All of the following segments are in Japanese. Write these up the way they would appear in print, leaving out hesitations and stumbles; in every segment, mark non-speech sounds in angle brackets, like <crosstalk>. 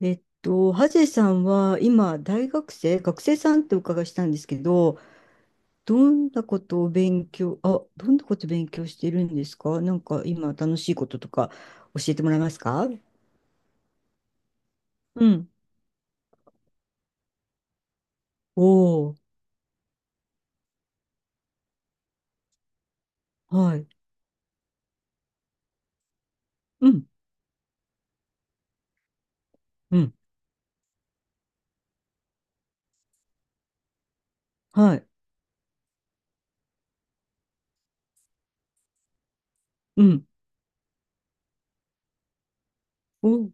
ハゼさんは今、大学生、学生さんってお伺いしたんですけど、どんなことを勉強、あ、どんなこと勉強してるんですか？なんか今、楽しいこととか教えてもらえますか？うん。おー、はい。うん、うん、はい。うん。おー、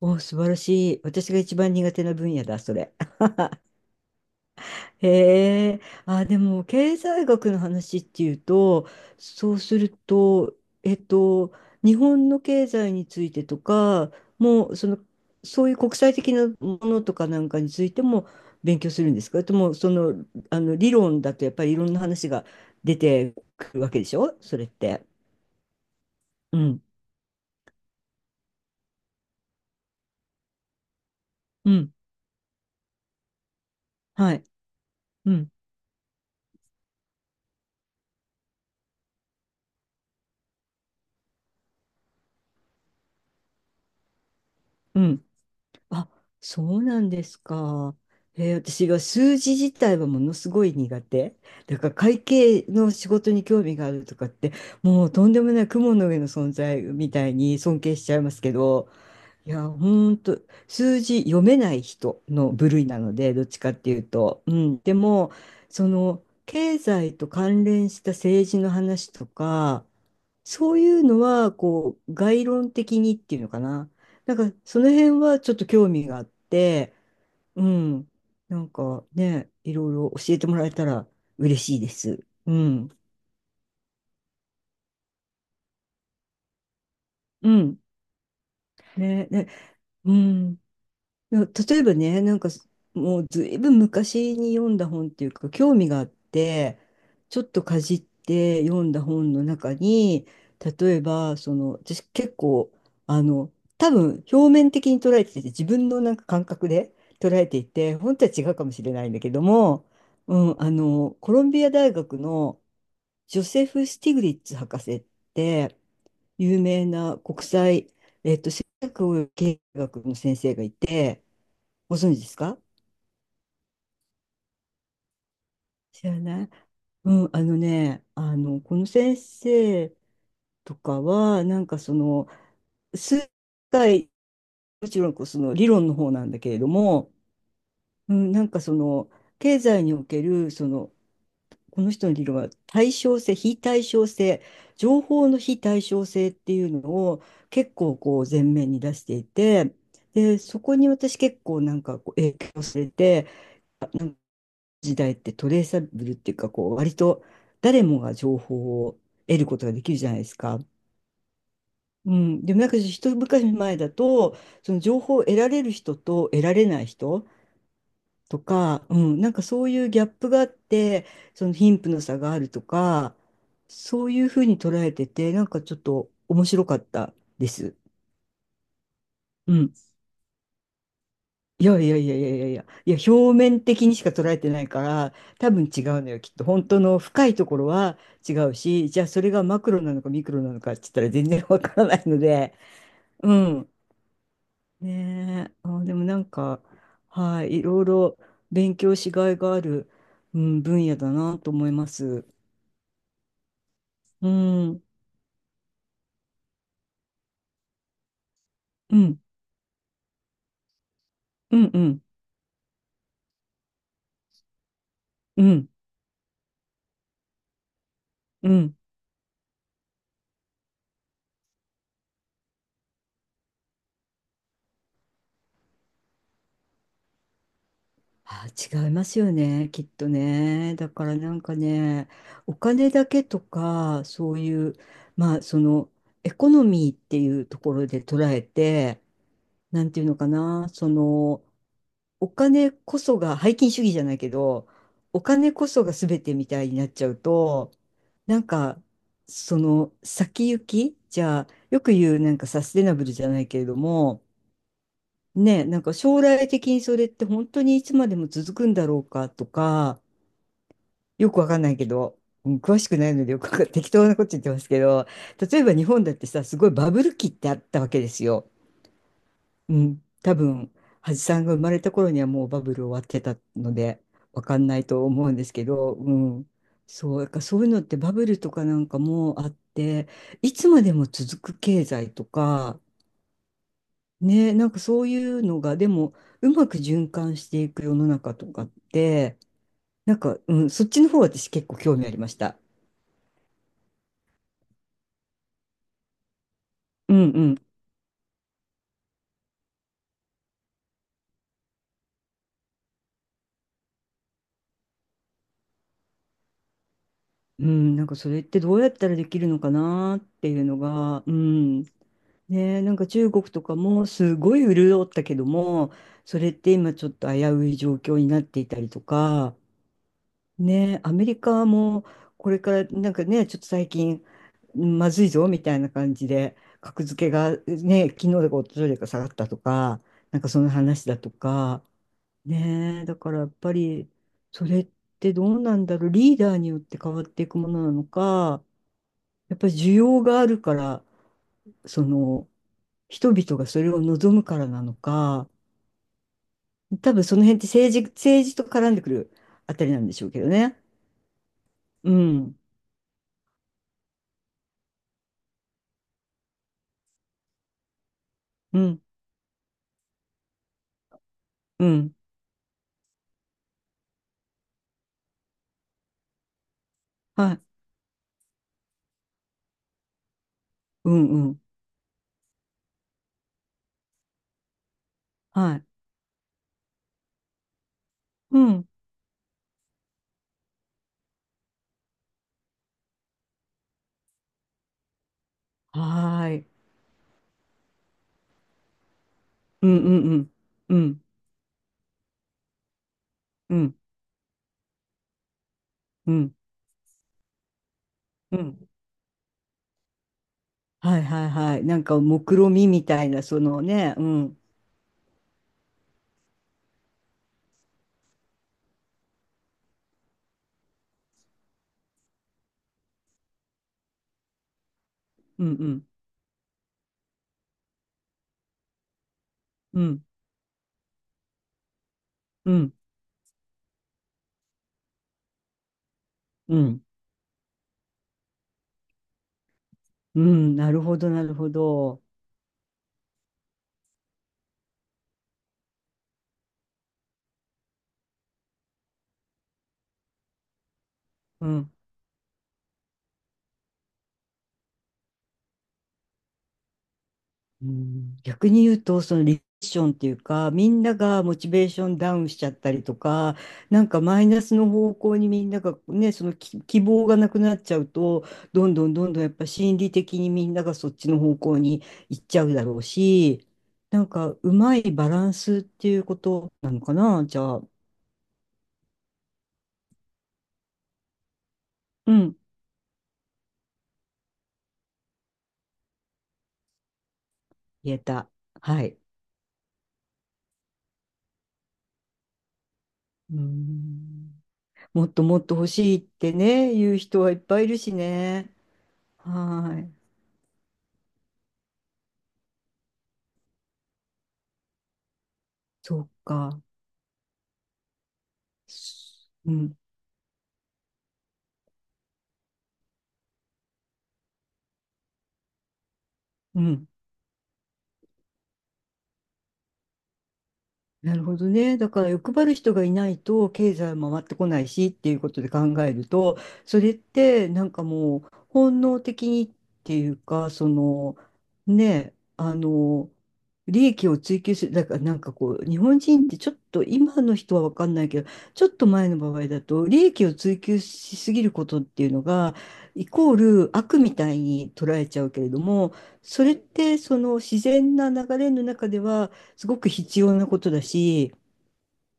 おー、素晴らしい。私が一番苦手な分野だ、それ。へえ、あ、でも経済学の話っていうと、そうすると、えっと、日本の経済についてとか、もうその、そういう国際的なものとかなんかについても勉強するんですか？それとも、その、あの理論だとやっぱりいろんな話が出てくるわけでしょ、それって。うん、うん、はい、うん、うん。あ、そうなんですか。私は数字自体はものすごい苦手。だから会計の仕事に興味があるとかって、もうとんでもない雲の上の存在みたいに尊敬しちゃいますけど、いや、ほんと、数字読めない人の部類なので、どっちかっていうと。うん。でも、その、経済と関連した政治の話とか、そういうのは、こう、概論的にっていうのかな。なんか、その辺はちょっと興味があって、うん。なんかね、いろいろ教えてもらえたら嬉しいです。うん。うん。ね、ね、うん。いや、例えばね、なんかもうずいぶん昔に読んだ本っていうか、興味があって、ちょっとかじって読んだ本の中に、例えば、その、私結構、あの、多分表面的に捉えてて、自分のなんか感覚で捉えていて、本当は違うかもしれないんだけども、うん、コロンビア大学のジョセフ・スティグリッツ博士って、有名な国際、ご存知ですか？知らない。うん、あのね、この先生とかは、なんかその、数回、もちろんこうその理論の方なんだけれども、うん、なんかその、経済における、その、この人の理論は対称性、非対称性、情報の非対称性っていうのを結構こう前面に出していて、で、そこに私結構なんかこう影響されて、時代ってトレーサブルっていうか、こう、割と誰もが情報を得ることができるじゃないですか。うん。でもなんか一昔前だと、その情報を得られる人と得られない人とか、うん、なんかそういうギャップがあって、その貧富の差があるとか、そういうふうに捉えてて、なんかちょっと面白かったです。うん。いやいやいやいやいやいや、いや、表面的にしか捉えてないから多分違うのよ、きっと本当の深いところは違うし、じゃあそれがマクロなのかミクロなのかって言ったら全然わからないので。うん。ねえ、あ、でもなんか、はい、いろいろ勉強しがいがある、うん、分野だなと思います。うんうんうんうんうんうん。あ、違いますよね、きっとね。だからなんかね、お金だけとか、そういう、まあ、その、エコノミーっていうところで捉えて、なんていうのかな、その、お金こそが、拝金主義じゃないけど、お金こそが全てみたいになっちゃうと、なんか、その、先行き、じゃあ、よく言う、なんかサステナブルじゃないけれども、ねえ、なんか将来的にそれって本当にいつまでも続くんだろうかとか、よくわかんないけど、うん、詳しくないのでよくわかん <laughs> 適当なこと言ってますけど、例えば日本だってさ、すごいバブル期ってあったわけですよ。うん、多分、橋さんが生まれた頃にはもうバブル終わってたので、わかんないと思うんですけど、うん、そう、だからそういうのってバブルとかなんかもあって、いつまでも続く経済とか、ね、なんかそういうのが、でも、うまく循環していく世の中とかって、なんか、うん、そっちの方私結構興味ありました。うんうん。うん、なんかそれってどうやったらできるのかなっていうのが、うん。ね、なんか中国とかもすごい潤ったけども、それって今ちょっと危うい状況になっていたりとか、ね、アメリカもこれからなんかね、ちょっと最近まずいぞみたいな感じで、格付けがね、昨日だか一昨日か下がったとか、なんかその話だとか、ね、だからやっぱりそれってどうなんだろう、リーダーによって変わっていくものなのか、やっぱり需要があるから、その人々がそれを望むからなのか、多分その辺って政治と絡んでくるあたりなんでしょうけどね。うん、うん、うん。はい。うんうん。はい。うん。はーい。うんうんうん。うんうんうんうん。はいはいはい。なんか目論見みみたいな、そのね。うん。うんうんうんうんうんうん。なるほどなるほど。うん。うん、逆に言うと、そのリセッションっていうか、みんながモチベーションダウンしちゃったりとか、なんかマイナスの方向にみんながね、その希望がなくなっちゃうと、どんどんどんどんやっぱ心理的にみんながそっちの方向に行っちゃうだろうし、なんかうまいバランスっていうことなのかな、じゃあ。うん、言えた。はい。うん、もっともっと欲しいってね、言う人はいっぱいいるしね。はい。そうか。うん、うん。なるほどね。だから欲張る人がいないと経済も回ってこないしっていうことで考えると、それってなんかもう本能的にっていうか、そのね、利益を追求する、だからなんかこう、日本人ってちょっと今の人は分かんないけど、ちょっと前の場合だと、利益を追求しすぎることっていうのが、イコール悪みたいに捉えちゃうけれども、それってその自然な流れの中では、すごく必要なことだし、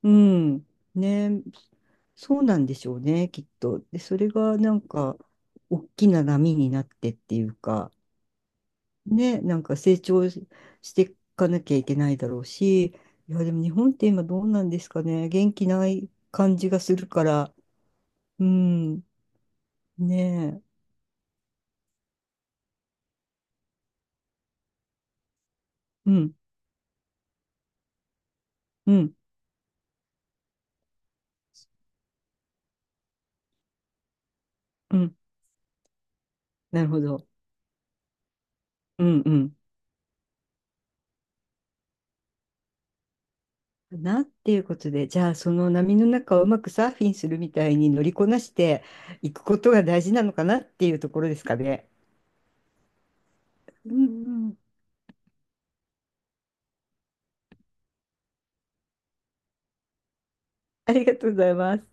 うん、ね、そうなんでしょうね、きっと。で、それがなんか、大きな波になってっていうか、ね、なんか成長していかなきゃいけないだろうし、いや、でも日本って今どうなんですかね、元気ない感じがするから、うん、ねえ、うん、うん、うん、なるほど。うん、うん。なっていうことで、じゃあその波の中をうまくサーフィンするみたいに乗りこなしていくことが大事なのかなっていうところですかね。うんうん、ありがとうございます。